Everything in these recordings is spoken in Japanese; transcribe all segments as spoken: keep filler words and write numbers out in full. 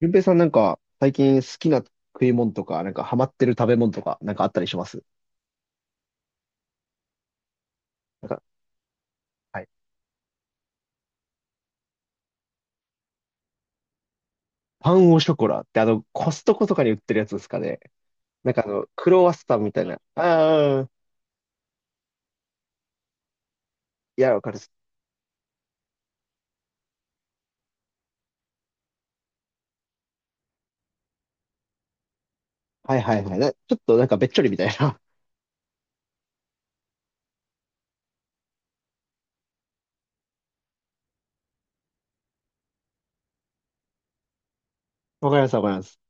ゆうぺいさんなんか最近好きな食い物とか、なんかハマってる食べ物とか、なんかあったりします？なんか、はい。パンオショコラってあの、コストコとかに売ってるやつですかね。なんかあの、クロワッサンみたいな。ああ、いや、わかるっす。はいはいはい。な、ちょっとなんかべっちょりみたいな。わかります、わかります。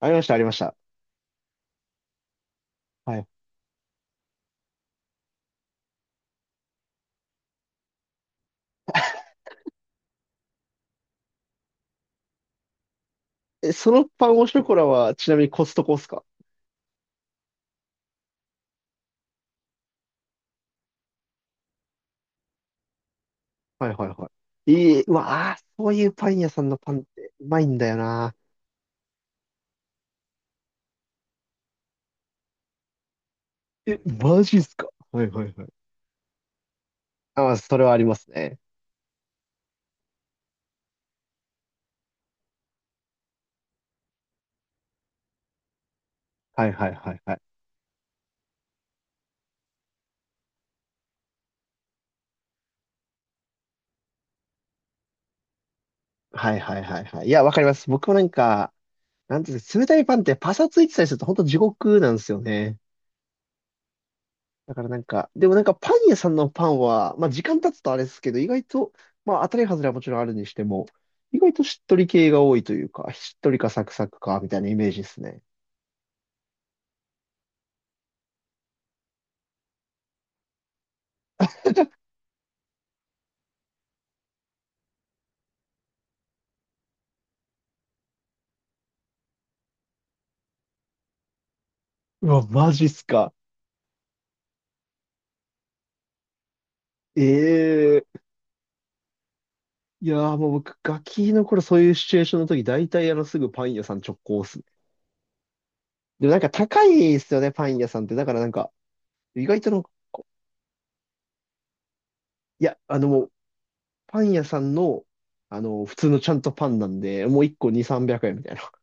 ありました、ありました。はい。え、そのパンオショコラはちなみにコストコっすか？はいはいはい。いい、うわあ、そういうパン屋さんのパンってうまいんだよな。え、マジっすか？はいはいはい。ああ、それはありますね。はいはいはいはい。はいはいはいはい。いや、わかります。僕もなんか、なんていうんですか、冷たいパンってパサついてたりすると本当地獄なんですよね。だからなんか、でもなんかパン屋さんのパンは、まあ時間経つとあれですけど、意外と、まあ当たり外れはもちろんあるにしても、意外としっとり系が多いというか、しっとりかサクサクか、みたいなイメージですね。うわ、マジっすか。ええいやーもう僕、ガキの頃そういうシチュエーションの時、大体あのすぐパン屋さん直行っすね。でもなんか高いですよね、パン屋さんって。だからなんか、意外との、いや、あのパン屋さんの、あの、普通のちゃんとパンなんで、もう一個に、三百円みたいな。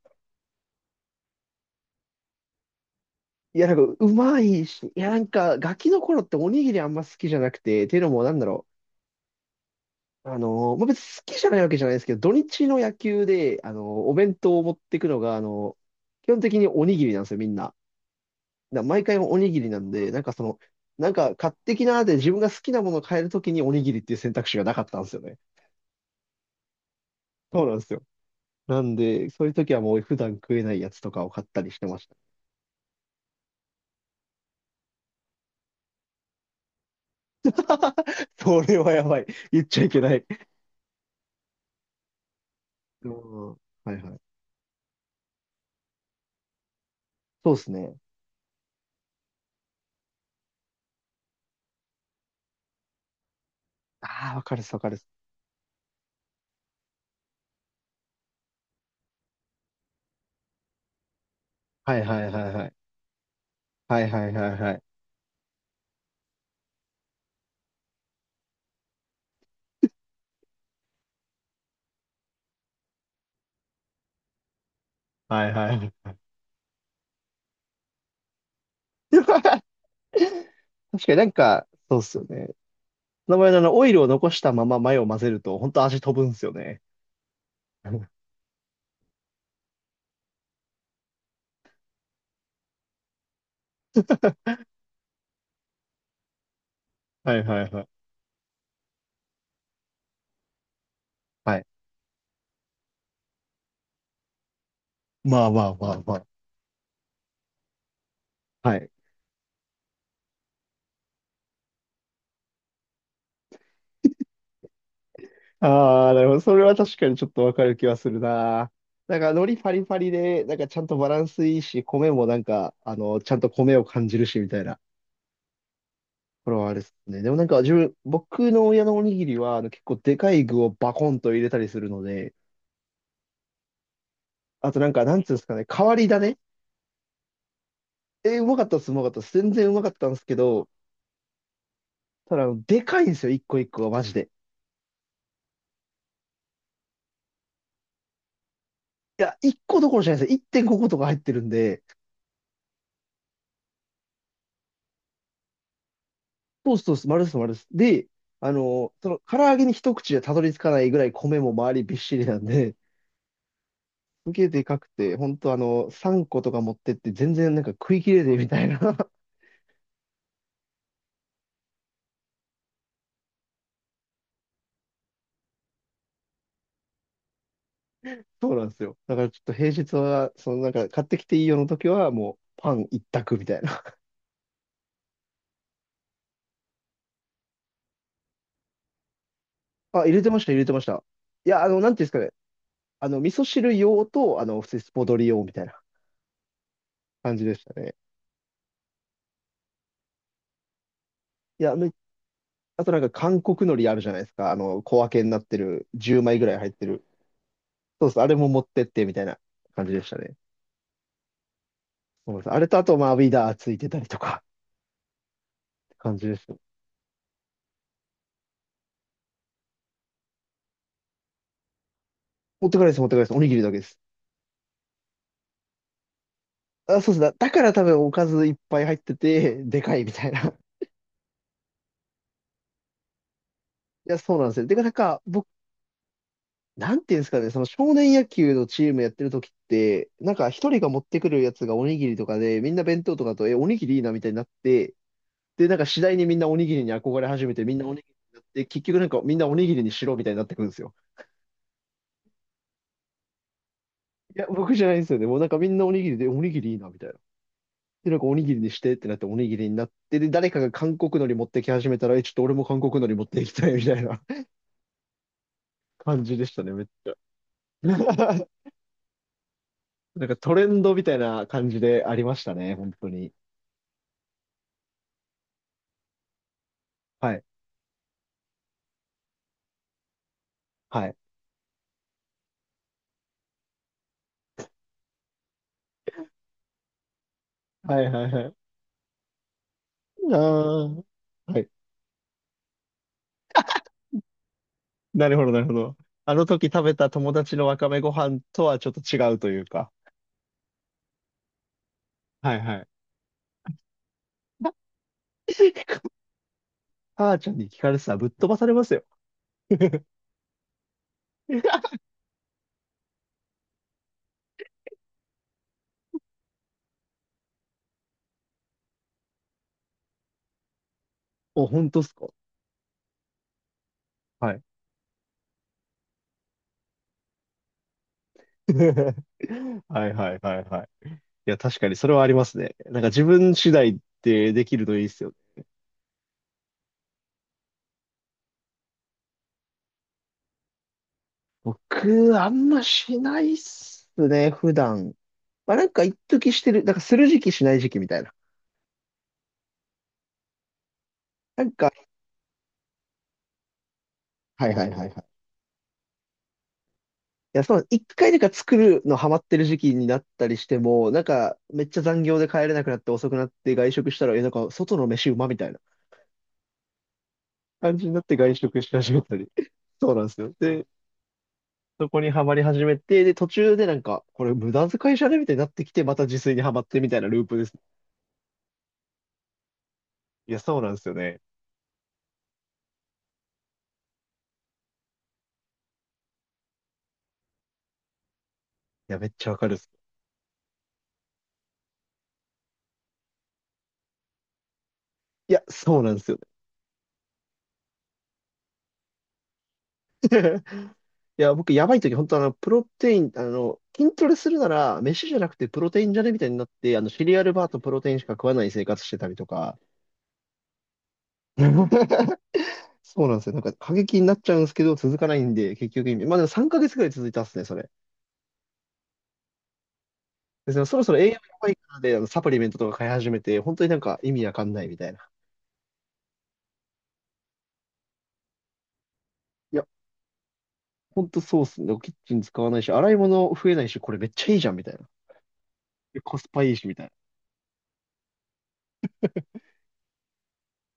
いや、なんか、うまいし、いや、なんか、ガキの頃っておにぎりあんま好きじゃなくて、っていうのも、なんだろう。あの、まあ、別に好きじゃないわけじゃないですけど、土日の野球で、あの、お弁当を持っていくのが、あの、基本的におにぎりなんですよ、みんな。だから毎回おにぎりなんで、なんかその、なんか買ってきなーで自分が好きなものを買えるときにおにぎりっていう選択肢がなかったんですよね。そうなんですよ。なんで、そういう時はもう普段食えないやつとかを買ったりしてました。それはやばい。言っちゃいけない。うんはいはい。そうですね。ああ、わかるっす、わかるっす。はいはいはいはい。はいはいはいはい。はいはい。確かになんか、そうっすよね。名前のあの、オイルを残したままマヨを混ぜると、本当味飛ぶんすよね。はいはいはい。はい。まあまあまあまあ。はい。ああ、なるほど。それは確かにちょっとわかる気はするな。なんか、海苔パリパリで、なんかちゃんとバランスいいし、米もなんか、あの、ちゃんと米を感じるし、みたいな。これはあれですね。でもなんか、自分、僕の親のおにぎりは、あの、結構でかい具をバコンと入れたりするので、あとなんか、なんつうんですかね、変わり種えーうまかったっす、うまかったっす。全然うまかったんですけど、ただ、あのでかいんですよ、一個一個が、マジで。いや、一個どころじゃないですよ。いってんごことか入ってるんで、そうそうそうです、丸です、丸です。で、あの、その、唐揚げに一口でたどり着かないぐらい米も周りびっしりなんで、すげえでかくて、ほんとあの、さんことか持ってって全然なんか食い切れねえみたいなそうなんですよ。だからちょっと平日は、そのなんか買ってきていいよの時はもうパン一択みたいな。あ、入れてました、入れてました。いや、あの、なんていうんですかね。あの、味噌汁用と、あの、普通にスポドリ用みたいな感じでしたね。いや、めあとなんか韓国海苔あるじゃないですか。あの、小分けになってる、じゅうまいぐらい入ってる。そうそう、あれも持ってってみたいな感じでしたね。そうです。あれとあと、まあ、ウィダーついてたりとかって感じでした。持ってかないです、持ってかないです。おにぎりだけです。あ、そうです。だ、だから多分おかずいっぱい入ってて、でかいみたいな。いや、そうなんですよ。てか、なんか、僕、なんていうんですかね、その少年野球のチームやってる時って、なんか一人が持ってくるやつがおにぎりとかで、みんな弁当とかだと、え、おにぎりいいなみたいになって、で、なんか次第にみんなおにぎりに憧れ始めて、みんなおにぎりになって、結局なんかみんなおにぎりにしろみたいになってくるんですよ。いや、僕じゃないんですよね。もうなんかみんなおにぎりで、おにぎりいいなみたいな。で、なんかおにぎりにしてってなっておにぎりになって、で、誰かが韓国海苔持ってき始めたら、え、ちょっと俺も韓国海苔持っていきたいみたいな 感じでしたね、めっちゃ。なんかトレンドみたいな感じでありましたね、本当に。はい。はい。はいはいはい。ああ。はい。なるほど、なるほど。あの時食べた友達のわかめご飯とはちょっと違うというか。はいはい。母ちゃんに聞かれてたらぶっ飛ばされますよ。お、本当っすか？はい。はいはいはいはい。いや、確かにそれはありますね。なんか自分次第ってできるといいっすよね。僕、あんましないっすね、普段。まあなんか一時してる、なんかする時期しない時期みたいな。なんか、はいはいはいはい。いや、そう、一回なんか作るのハマってる時期になったりしても、なんかめっちゃ残業で帰れなくなって遅くなって外食したら、え、なんか外の飯うまみたいな感じになって外食し始めたり。そうなんですよ。で、そこにはまり始めて、で、途中でなんか、これ無駄遣いじゃねみたいになってきて、また自炊にはまってみたいなループです。いや、そうなんですよね。いや、めっちゃわかるです。いや、そうなんですよ。いや、僕、やばい時、本当あの、プロテイン、あの、筋トレするなら、飯じゃなくてプロテインじゃねみたいになって、あの、シリアルバーとプロテインしか食わない生活してたりとか。そうなんですよ。なんか、過激になっちゃうんですけど、続かないんで、結局意味。まあ、でもさんかげつぐらい続いたっすね、それ。で、そのそろそろ栄養やばいからで、あの、サプリメントとか買い始めて、本当になんか意味わかんないみたいな。いや、本当そうっすね。キッチン使わないし、洗い物増えないし、これめっちゃいいじゃん、みたいな。でコスパいいし、みたいな。